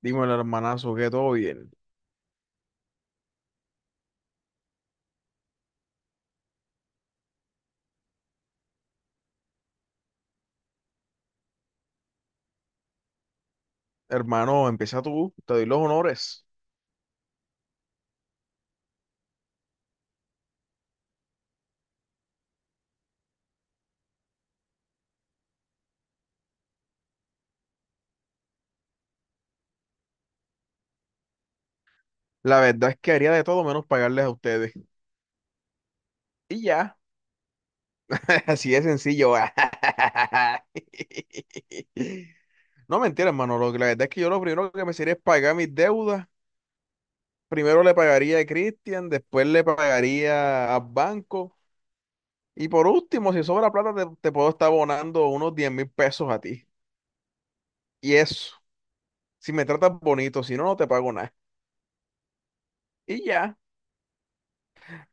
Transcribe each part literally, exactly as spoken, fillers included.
Dímelo, hermanazo, que todo bien. Hermano, empieza tú, te doy los honores. La verdad es que haría de todo menos pagarles a ustedes. Y ya, así de sencillo. No mentira, hermano. Lo que- la verdad es que yo lo primero que me sería es pagar mis deudas. Primero le pagaría a Cristian, después le pagaría al banco. Y por último, si sobra plata, te, te puedo estar abonando unos diez mil pesos a ti. Y eso, si me tratas bonito, si no, no te pago nada. Y ya.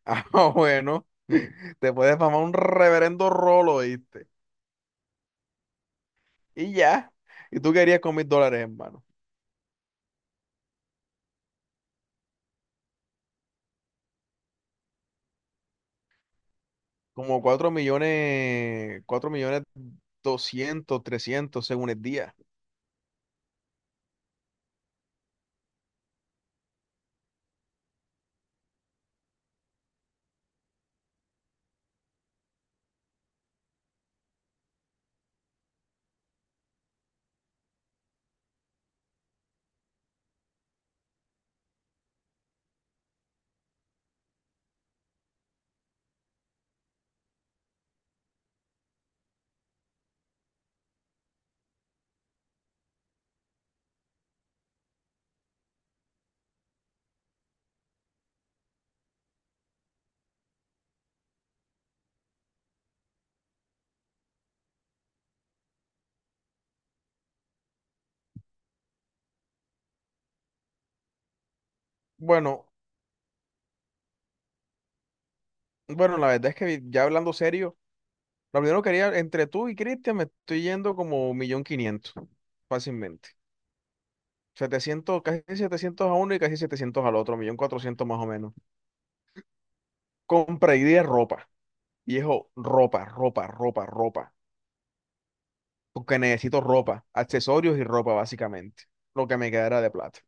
Ah, bueno, te puedes mamar un reverendo rolo, ¿viste? Y ya. ¿Y tú querías con mil dólares, hermano? Como cuatro millones, cuatro millones doscientos, trescientos, según el día. Bueno, bueno, la verdad es que ya hablando serio, lo primero que haría entre tú y Cristian me estoy yendo como un millón quinientos, fácilmente. Setecientos, casi setecientos a uno y casi setecientos al otro, un millón cuatrocientos más o menos. Compra y de ropa. Viejo, ropa, ropa, ropa, ropa, porque necesito ropa, accesorios y ropa básicamente, lo que me quedara de plata.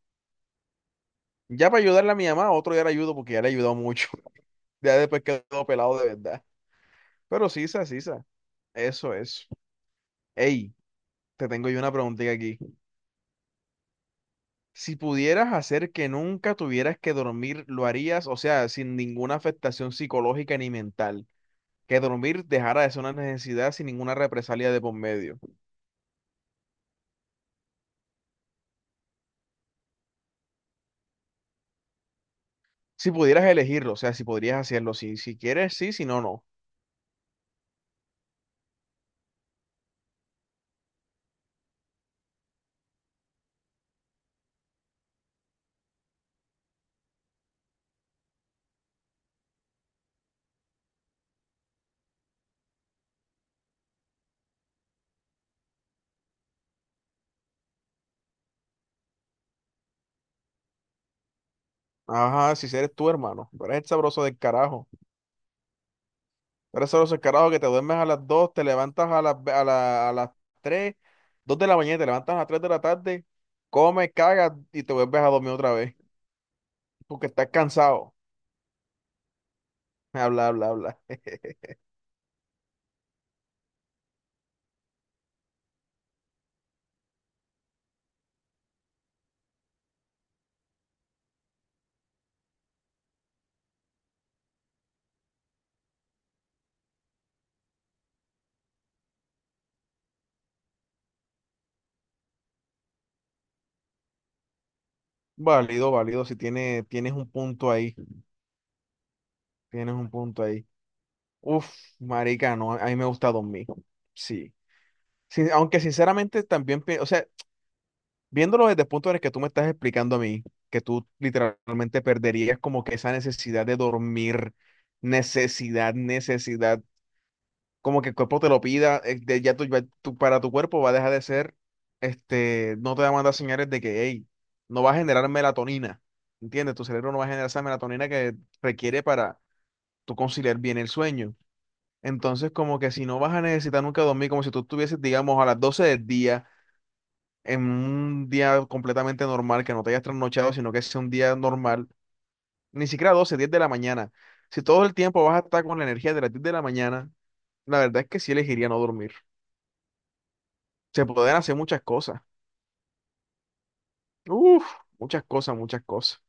Ya para ayudarle a mi mamá, otro día le ayudo porque ya le he ayudado mucho. Ya después quedó pelado de verdad. Pero sisa, sisa, eso es. Ey, te tengo yo una preguntita aquí. Si pudieras hacer que nunca tuvieras que dormir, ¿lo harías? O sea, sin ninguna afectación psicológica ni mental. Que dormir dejara de ser una necesidad sin ninguna represalia de por medio. Si pudieras elegirlo, o sea, si podrías hacerlo, si, si quieres, sí, si no, no. Ajá, si eres tú, hermano. Tú eres el sabroso del carajo. Eres el sabroso del carajo que te duermes a las dos te levantas a las, ve- a la- a las tres dos de la mañana, te levantas a las tres de la tarde, comes, cagas y te vuelves a dormir otra vez porque estás cansado. Habla, habla, habla. Válido, válido. Si tiene, tienes un punto ahí, tienes un punto ahí. Uf, marica, no, a mí me gusta dormir. Sí. Sí, aunque sinceramente también, pi- o sea, viéndolo desde el punto en el que tú me estás explicando a mí, que tú literalmente perderías como que esa necesidad de dormir, necesidad, necesidad, como que el cuerpo te lo pida, eh, de- ya tú ya tú para tu cuerpo va a dejar de ser, este, no te va a mandar señales de que, hey, no va a generar melatonina, ¿entiendes? Tu cerebro no va a generar esa melatonina que requiere para tú conciliar bien el sueño. Entonces, como que si no vas a necesitar nunca dormir, como si tú estuvieses, digamos, a las doce del día en un día completamente normal, que no te hayas trasnochado, sino que sea un día normal, ni siquiera doce diez de la mañana. Si todo el tiempo vas a estar con la energía de las diez de la mañana, la verdad es que sí elegiría no dormir. Se pueden hacer muchas cosas. Uf, muchas cosas, muchas cosas.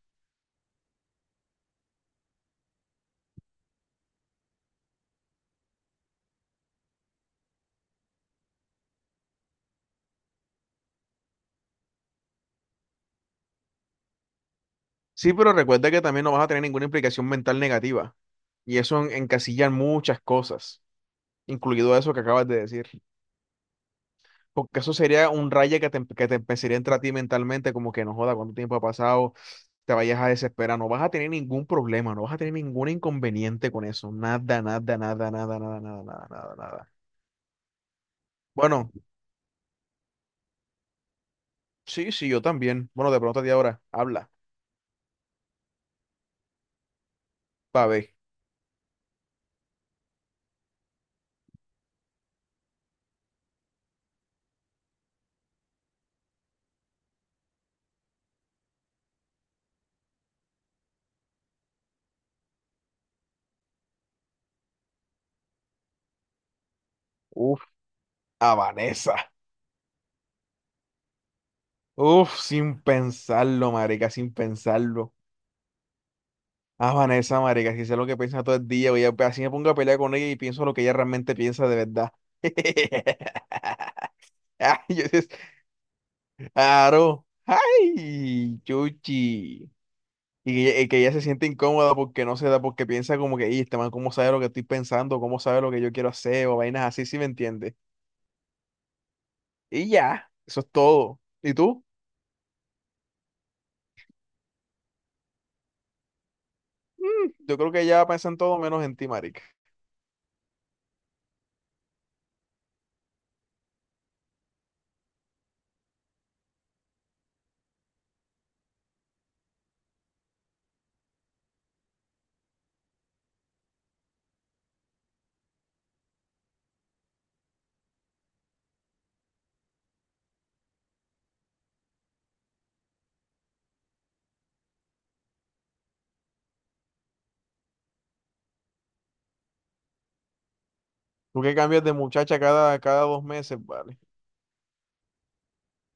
Sí, pero recuerda que también no vas a tener ninguna implicación mental negativa. Y eso en- encasilla muchas cosas, incluido eso que acabas de decir. Porque eso sería un raye que te, em, que te empezaría a entrar a ti mentalmente, como que no joda, cuánto tiempo ha pasado, te vayas a desesperar, no vas a tener ningún problema, no vas a tener ningún inconveniente con eso, nada, nada, nada, nada, nada, nada, nada, nada, nada. Bueno, sí, sí, yo también. Bueno, de pronto a ti ahora, habla, pa' ver. Uf, a Vanessa. Uf, sin pensarlo, marica, sin pensarlo. A Vanessa, marica, si sé lo que piensa todo el día, voy a, así me pongo a pelear con ella y pienso lo que ella realmente piensa de verdad. Ah, yo claro. ¡Ay! Chuchi. Y que, y que ella se siente incómoda porque no se da, porque piensa como que, y este man, ¿cómo sabe lo que estoy pensando? ¿Cómo sabe lo que yo quiero hacer? ¿O vainas así, si me entiendes? Y ya, eso es todo. ¿Y tú? Mm, yo creo que ella piensa en todo menos en ti, marica. Tú que cambias de muchacha cada, cada dos meses, vale.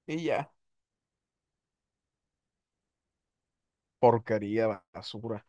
Y ya. Porquería, basura.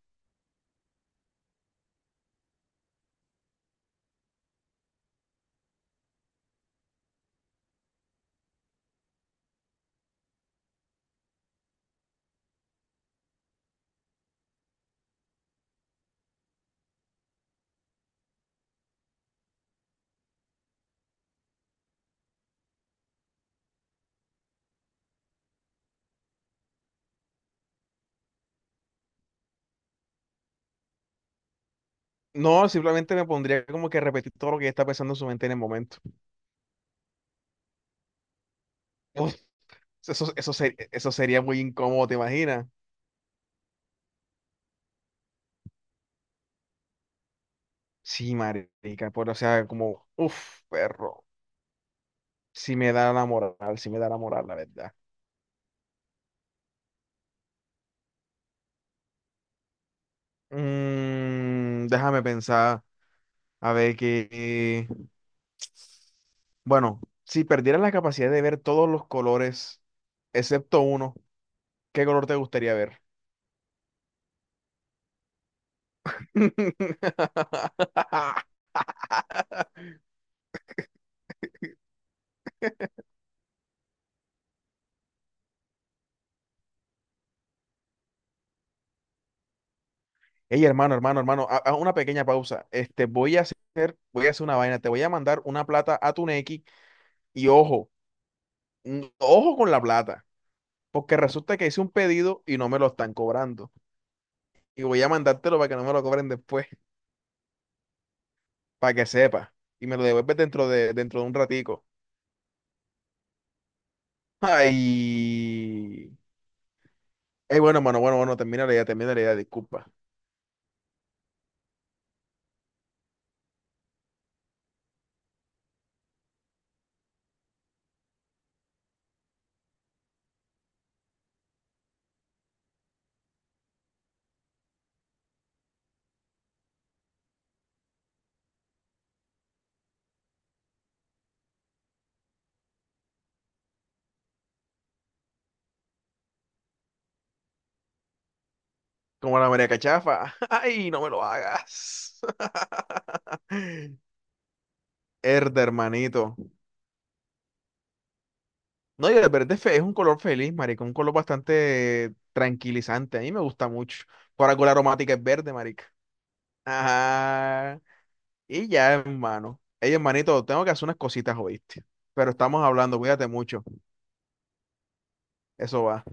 No, simplemente me pondría como que a repetir todo lo que ella está pensando en su mente en el momento. Uf, eso, eso, ser- eso sería muy incómodo, ¿te imaginas? Sí, marica, por, o sea, como, uff, perro, sí me da la moral, sí me da la moral, la verdad. Mm, déjame pensar, a ver que, bueno, si perdieras la capacidad de ver todos los colores, excepto uno, ¿qué color te gustaría ver? Ey, hermano, hermano, hermano, a, a una pequeña pausa. Este, voy a hacer, voy a hacer una vaina, te voy a mandar una plata a tu Nequi y ojo, mm, ojo con la plata. Porque resulta que hice un pedido y no me lo están cobrando. Y voy a mandártelo para que no me lo cobren después, para que sepa. Y me lo devuelves dentro de, dentro de un ratico. Ay. Ay, bueno, hermano, bueno, bueno, termina la idea, termina la idea, disculpa. Como la María Cachafa. Ay, no me lo hagas. Verde, hermanito. No, y el verde fe- es un color feliz, marica, un color bastante tranquilizante. A mí me gusta mucho. Por algo la aromática es verde, marica. Ajá. Y ya, hermano. Ey, hermanito, tengo que hacer unas cositas, ¿oíste? Pero estamos hablando, cuídate mucho. Eso va.